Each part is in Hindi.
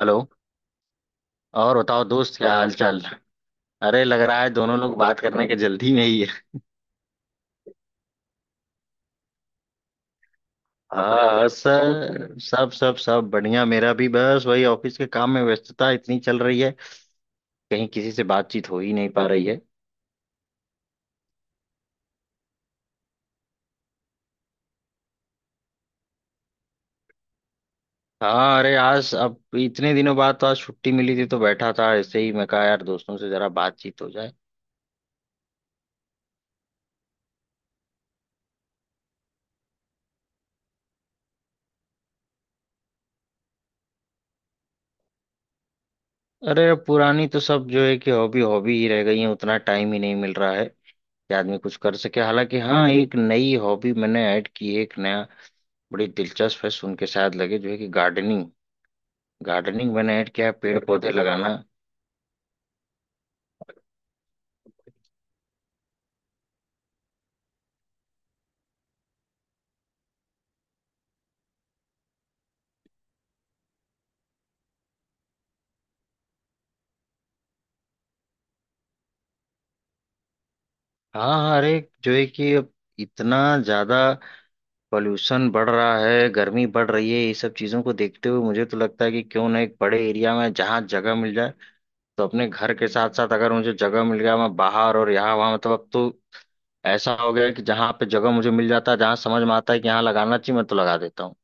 हेलो। और बताओ दोस्त, क्या हाल चाल। अरे, लग रहा है दोनों लोग बात करने के जल्दी में ही है। हाँ सर, सब सब सब बढ़िया। मेरा भी बस वही ऑफिस के काम में व्यस्तता इतनी चल रही है, कहीं किसी से बातचीत हो ही नहीं पा रही है। हाँ अरे, आज अब इतने दिनों बाद तो आज छुट्टी मिली थी, तो बैठा था ऐसे ही, मैं कहा यार दोस्तों से जरा बातचीत हो जाए। अरे, पुरानी तो सब जो है कि हॉबी हॉबी ही रह गई है, उतना टाइम ही नहीं मिल रहा है कि आदमी कुछ कर सके। हालांकि हाँ, एक नई हॉबी मैंने ऐड की है, एक नया। बड़ी दिलचस्प है, सुन के शायद लगे, जो है कि गार्डनिंग। गार्डनिंग मैंने ऐड किया है, पेड़ पौधे लगाना। हाँ हाँ अरे, जो है कि अब इतना ज्यादा पॉल्यूशन बढ़ रहा है, गर्मी बढ़ रही है, ये सब चीजों को देखते हुए मुझे तो लगता है कि क्यों ना एक बड़े एरिया में जहाँ जगह मिल जाए, तो अपने घर के साथ साथ अगर मुझे जगह मिल गया, मैं बाहर और यहाँ वहाँ, मतलब अब तो ऐसा हो गया है कि जहाँ पे जगह मुझे मिल जाता है, जहाँ समझ में आता है कि यहाँ लगाना चाहिए मैं तो लगा देता हूँ।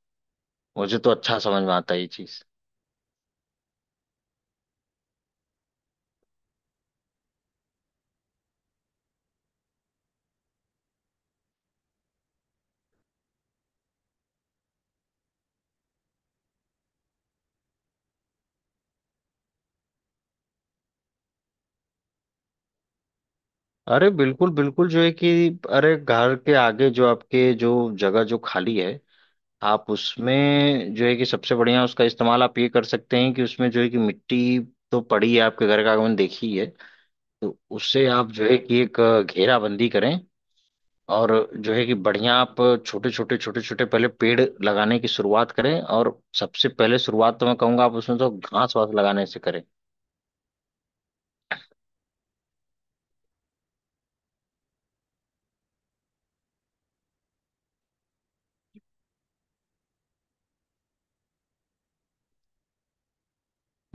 मुझे तो अच्छा समझ में आता है ये चीज। अरे बिल्कुल बिल्कुल, जो है कि अरे घर के आगे जो आपके जो जगह जो खाली है, आप उसमें जो है कि सबसे बढ़िया उसका इस्तेमाल आप ये कर सकते हैं कि उसमें जो है कि मिट्टी तो पड़ी है, आपके घर का आंगन देखी है, तो उससे आप जो है कि एक घेराबंदी करें, और जो है कि बढ़िया आप छोटे छोटे पहले पेड़ लगाने की शुरुआत करें, और सबसे पहले शुरुआत तो मैं कहूंगा आप उसमें तो घास वास लगाने से करें।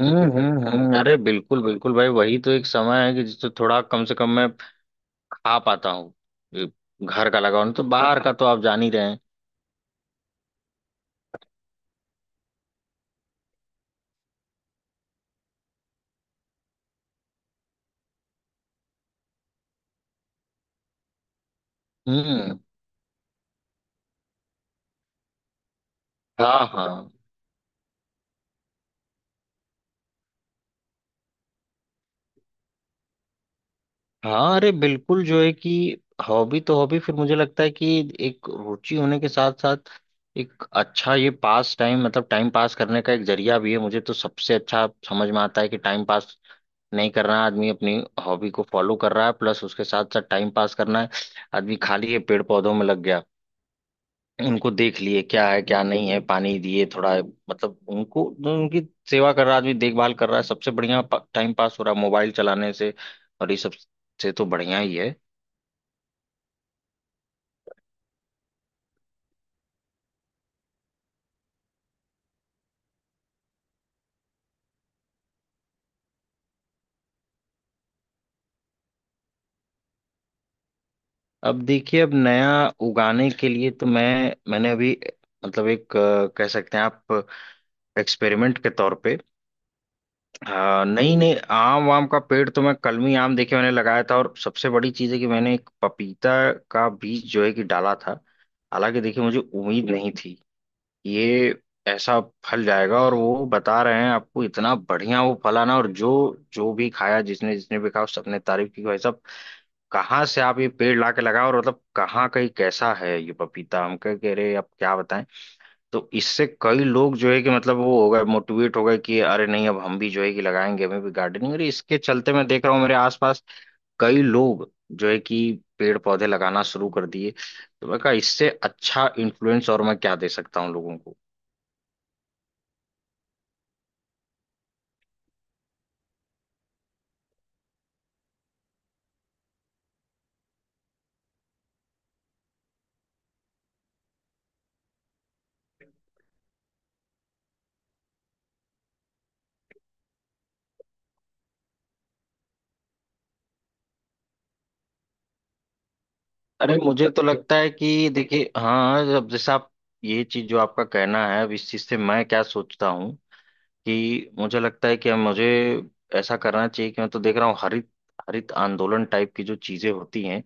हम्म, हम्म, अरे बिल्कुल बिल्कुल भाई, वही तो एक समय है कि जिससे थोड़ा कम से कम में आ पाता हूँ ये। घर का लगा हुआ, नहीं तो बाहर का तो आप जान ही रहे हैं। हम्म। हाँ हाँ। हाँ अरे बिल्कुल, जो है कि हॉबी तो हॉबी, फिर मुझे लगता है कि एक रुचि होने के साथ साथ एक अच्छा ये पास टाइम, मतलब टाइम पास करने का एक जरिया भी है। मुझे तो सबसे अच्छा समझ में आता है कि टाइम पास नहीं करना है, आदमी अपनी हॉबी को फॉलो कर रहा है, प्लस उसके साथ साथ टाइम पास करना है। आदमी खाली है, पेड़ पौधों में लग गया, उनको देख लिए क्या है क्या नहीं है, पानी दिए थोड़ा, मतलब उनको, उनकी सेवा कर रहा है आदमी, देखभाल कर रहा है। सबसे बढ़िया टाइम पास हो रहा है। मोबाइल चलाने से और ये सब से तो बढ़िया ही है। अब देखिए, अब नया उगाने के लिए तो मैं मैंने अभी, मतलब एक, कह सकते हैं आप एक्सपेरिमेंट के तौर पे, नई नई आम वाम का पेड़ तो मैं कलमी आम देखे मैंने लगाया था, और सबसे बड़ी चीज़ है कि मैंने एक पपीता का बीज जो है कि डाला था। हालांकि देखिए, मुझे उम्मीद नहीं थी ये ऐसा फल जाएगा, और वो बता रहे हैं आपको इतना बढ़िया वो फल आना, और जो जो भी खाया, जिसने जिसने भी खाया सबने तारीफ की, भाई साहब कहाँ से आप ये पेड़ ला के लगाओ, और मतलब कहाँ कहीं कैसा है ये पपीता, हम कह कह रहे, आप क्या बताएं। तो इससे कई लोग जो है कि मतलब वो हो गए, मोटिवेट हो गए कि अरे नहीं अब हम भी जो है कि लगाएंगे, हमें भी गार्डनिंग, और इसके चलते मैं देख रहा हूँ मेरे आसपास कई लोग जो है कि पेड़ पौधे लगाना शुरू कर दिए। तो मैं कहा, इससे अच्छा इन्फ्लुएंस और मैं क्या दे सकता हूँ लोगों को। अरे मुझे तो लगता है कि देखिए हाँ, अब जैसे आप ये चीज जो आपका कहना है, अब इस चीज से मैं क्या सोचता हूँ कि मुझे लगता है कि मुझे ऐसा करना चाहिए कि मैं तो देख रहा हूँ, हरित हरित आंदोलन टाइप की जो चीजें होती हैं,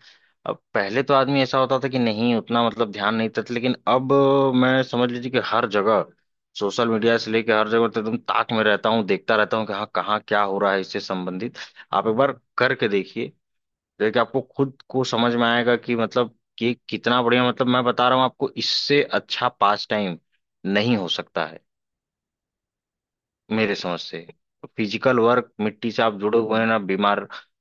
अब पहले तो आदमी ऐसा होता था कि नहीं उतना मतलब ध्यान नहीं देता था, लेकिन अब मैं समझ लीजिए कि हर जगह, सोशल मीडिया से लेकर हर जगह तो एकदम ताक में रहता हूँ, देखता रहता हूँ कि हाँ कहाँ क्या हो रहा है इससे संबंधित। आप एक बार करके देखिए, देखिए आपको खुद को समझ में आएगा कि मतलब कि कितना बढ़िया। मतलब मैं बता रहा हूँ आपको, इससे अच्छा पास टाइम नहीं हो सकता है मेरे समझ से। फिजिकल वर्क, मिट्टी से आप जुड़े हुए हैं ना, बीमार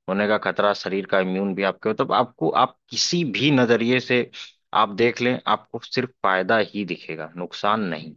होने का खतरा, शरीर का इम्यून भी आपके, मतलब आपको, आप किसी भी नजरिए से आप देख लें, आपको सिर्फ फायदा ही दिखेगा, नुकसान नहीं।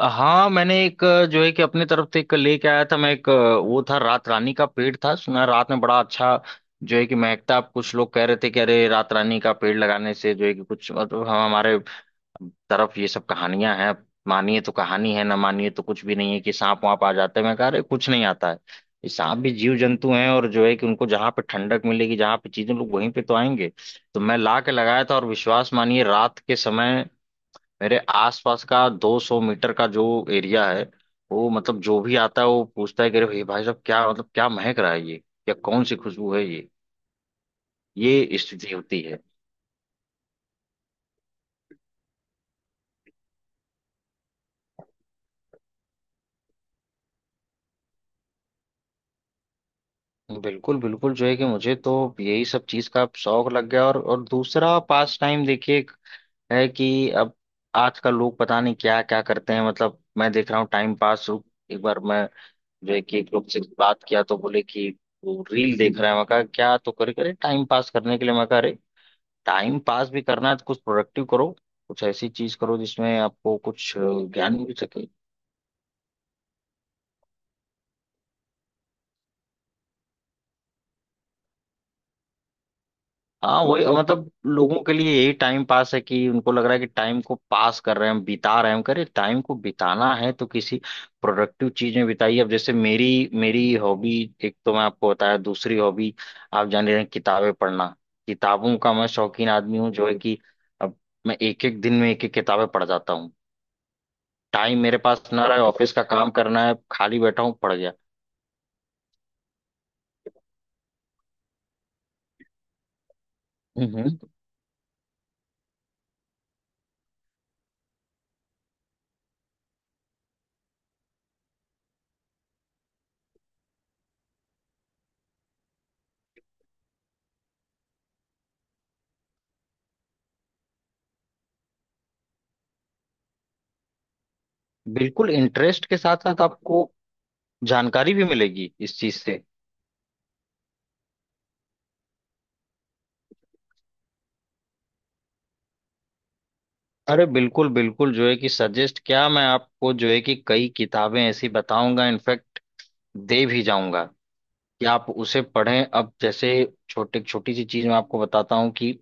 हाँ मैंने एक जो है कि अपने तरफ से एक लेके आया था मैं, एक वो था, रात रानी का पेड़ था। सुना है रात में बड़ा अच्छा जो है कि महकता। अब कुछ लोग कह रहे थे कि अरे रात रानी का पेड़ लगाने से जो है कि कुछ, मतलब हम हमारे तरफ ये सब कहानियां हैं। मानिए तो कहानी है, ना मानिए तो कुछ भी नहीं है, कि सांप वाप आ जाते हैं, मैं कह रहे कुछ नहीं आता है। ये सांप भी जीव जंतु हैं, और जो है कि उनको जहां पे ठंडक मिलेगी, जहां पे चीजें, लोग वहीं पे तो आएंगे। तो मैं ला के लगाया था, और विश्वास मानिए रात के समय मेरे आसपास का 200 मीटर का जो एरिया है, वो मतलब जो भी आता है वो पूछता है कि अरे भाई, भाई साहब क्या मतलब क्या महक रहा है ये, या कौन सी खुशबू है ये स्थिति होती है। बिल्कुल बिल्कुल, जो है कि मुझे तो यही सब चीज का शौक लग गया। और दूसरा पास टाइम देखिए, एक है कि अब आज का लोग पता नहीं क्या क्या करते हैं, मतलब मैं देख रहा हूँ टाइम पास। एक बार मैं जो है कि एक लोग से बात किया, तो बोले कि वो रील देख रहा है। मैं कहा क्या, तो करे करे टाइम पास करने के लिए। मैं कहा अरे, टाइम पास भी करना है तो कुछ प्रोडक्टिव करो, कुछ ऐसी चीज करो जिसमें आपको कुछ ज्ञान मिल सके। हाँ वही, मतलब लोगों के लिए यही टाइम पास है कि उनको लग रहा है कि टाइम को पास कर रहे हैं हम, बिता रहे हैं हम, करे टाइम को बिताना है तो किसी प्रोडक्टिव चीज में बिताइए। अब जैसे मेरी मेरी हॉबी, एक तो मैं आपको बताया, दूसरी हॉबी आप जान रहे हैं, किताबें पढ़ना। किताबों का मैं शौकीन आदमी हूँ जो है कि अब मैं एक एक दिन में एक एक किताबें पढ़ जाता हूँ। टाइम मेरे पास ना रहे, ऑफिस का काम करना है, खाली बैठा हूँ, पढ़ गया। हम्म। बिल्कुल, इंटरेस्ट के साथ साथ आपको जानकारी भी मिलेगी इस चीज से। अरे बिल्कुल बिल्कुल, जो है कि सजेस्ट क्या, मैं आपको जो है कि कई किताबें ऐसी बताऊंगा, इनफैक्ट दे भी जाऊंगा, कि आप उसे पढ़ें। अब जैसे, छोटे छोटी सी चीज मैं आपको बताता हूँ कि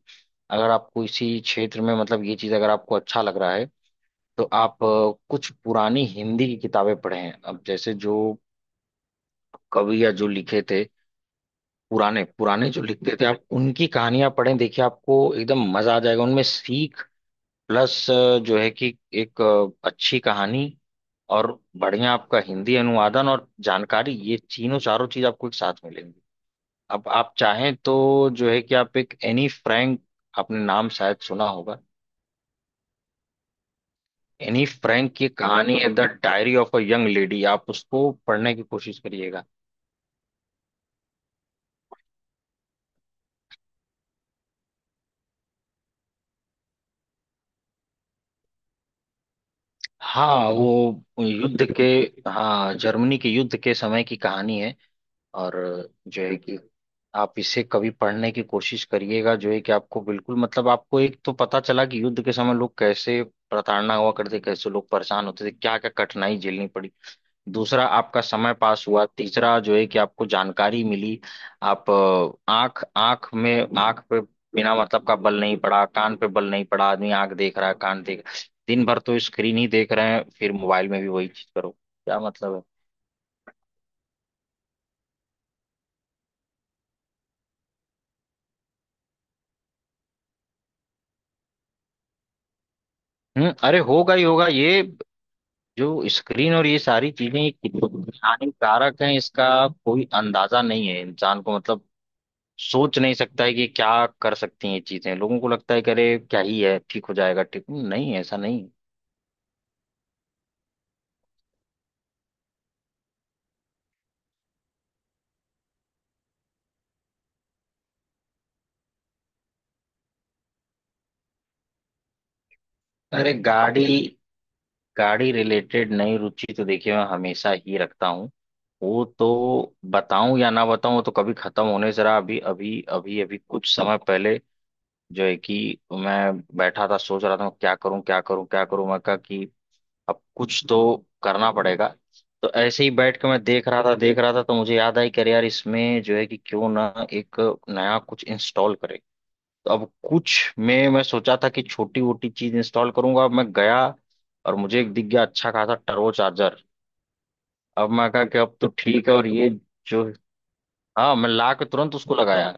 अगर आपको इसी क्षेत्र में, मतलब ये चीज अगर आपको अच्छा लग रहा है, तो आप कुछ पुरानी हिंदी की किताबें पढ़ें। अब जैसे जो कवि या जो लिखे थे, पुराने पुराने जो लिखते थे, आप उनकी कहानियां पढ़ें, देखिए आपको एकदम मजा आ जाएगा, उनमें सीख, प्लस जो है कि एक अच्छी कहानी, और बढ़िया आपका हिंदी अनुवादन और जानकारी, ये तीनों चारों चीज आपको एक साथ मिलेंगी। अब आप चाहें तो जो है कि आप एक एनी फ्रैंक, आपने नाम शायद सुना होगा। एनी फ्रैंक की कहानी है the diary of a young lady, आप उसको पढ़ने की कोशिश करिएगा। हाँ वो युद्ध के। हाँ, जर्मनी के युद्ध के समय की कहानी है। और जो है कि आप इसे कभी पढ़ने की कोशिश करिएगा, जो है कि आपको बिल्कुल, मतलब आपको एक तो पता चला कि युद्ध के समय लोग कैसे प्रताड़ना हुआ करते, कैसे लोग परेशान होते थे, क्या क्या कठिनाई झेलनी पड़ी। दूसरा, आपका समय पास हुआ। तीसरा जो है कि आपको जानकारी मिली। आप आंख, आंख में आंख पे बिना मतलब का बल नहीं पड़ा, कान पे बल नहीं पड़ा, आदमी आंख देख रहा है, कान देख। दिन भर तो स्क्रीन ही देख रहे हैं, फिर मोबाइल में भी वही चीज करो, क्या मतलब है। हम्म। अरे होगा ही होगा ये, जो स्क्रीन और ये सारी चीजें, ये कितनी हानिकारक हैं, इसका कोई अंदाजा नहीं है इंसान को। मतलब सोच नहीं सकता है कि क्या कर सकती हैं ये चीजें। लोगों को लगता है कि अरे क्या ही है, ठीक हो जाएगा। ठीक नहीं, ऐसा नहीं। अरे गाड़ी, गाड़ी रिलेटेड नई रुचि तो देखिए मैं हमेशा ही रखता हूँ। वो तो बताऊं या ना बताऊं, वो तो कभी खत्म होने, जरा अभी अभी कुछ समय पहले जो है कि मैं बैठा था, सोच रहा था क्या करूं क्या करूं क्या करूं। मैं कहा कि अब कुछ तो करना पड़ेगा। तो ऐसे ही बैठ के मैं देख रहा था देख रहा था, तो मुझे याद आई कि अरे यार इसमें जो है कि क्यों ना एक नया कुछ इंस्टॉल करें। तो अब कुछ में मैं सोचा था कि छोटी वोटी चीज इंस्टॉल करूंगा। अब मैं गया, और मुझे एक दिख गया, अच्छा खासा टर्बो चार्जर। अब मैं कहा कि अब तो ठीक है, और ये जो, हाँ मैं ला के तुरंत उसको लगाया।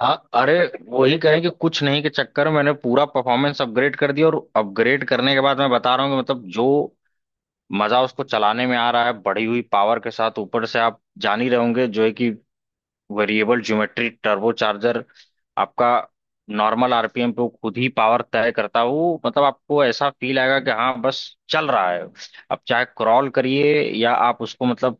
हाँ अरे वही, कहें कि कुछ नहीं के चक्कर में मैंने पूरा परफॉर्मेंस अपग्रेड कर दिया। और अपग्रेड करने के बाद मैं बता रहा हूँ कि मतलब जो मजा उसको चलाने में आ रहा है बढ़ी हुई पावर के साथ, ऊपर से आप जान ही रहे होंगे जो है कि वेरिएबल ज्योमेट्री टर्बो चार्जर आपका, नॉर्मल आरपीएम पे वो खुद ही पावर तय करता है। वो मतलब आपको ऐसा फील आएगा कि हाँ बस चल रहा है। आप चाहे क्रॉल करिए, या आप उसको मतलब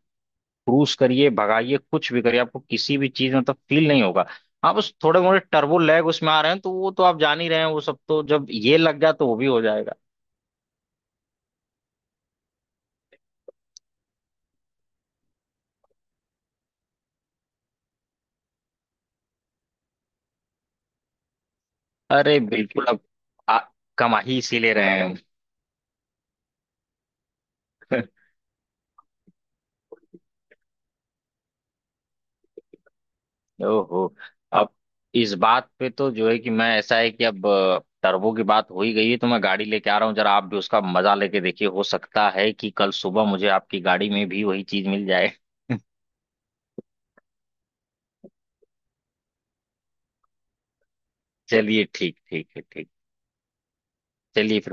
क्रूज करिए, भगाइए, कुछ भी करिए, आपको किसी भी चीज में मतलब फील नहीं होगा। हाँ बस थोड़े मोड़े टर्बो लैग उसमें आ रहे हैं, तो वो तो आप जान ही रहे हैं, वो सब तो जब ये लग गया तो वो भी हो जाएगा। अरे बिल्कुल, अब आ, कमा ही इसीलिए रहे हैं। ओहो। अब इस बात पे तो जो है कि मैं, ऐसा है कि अब टर्बो की बात हो ही गई है, तो मैं गाड़ी लेके आ रहा हूँ, जरा आप भी उसका मजा लेके देखिए, हो सकता है कि कल सुबह मुझे आपकी गाड़ी में भी वही चीज मिल जाए। चलिए ठीक, ठीक है, ठीक। चलिए फिर।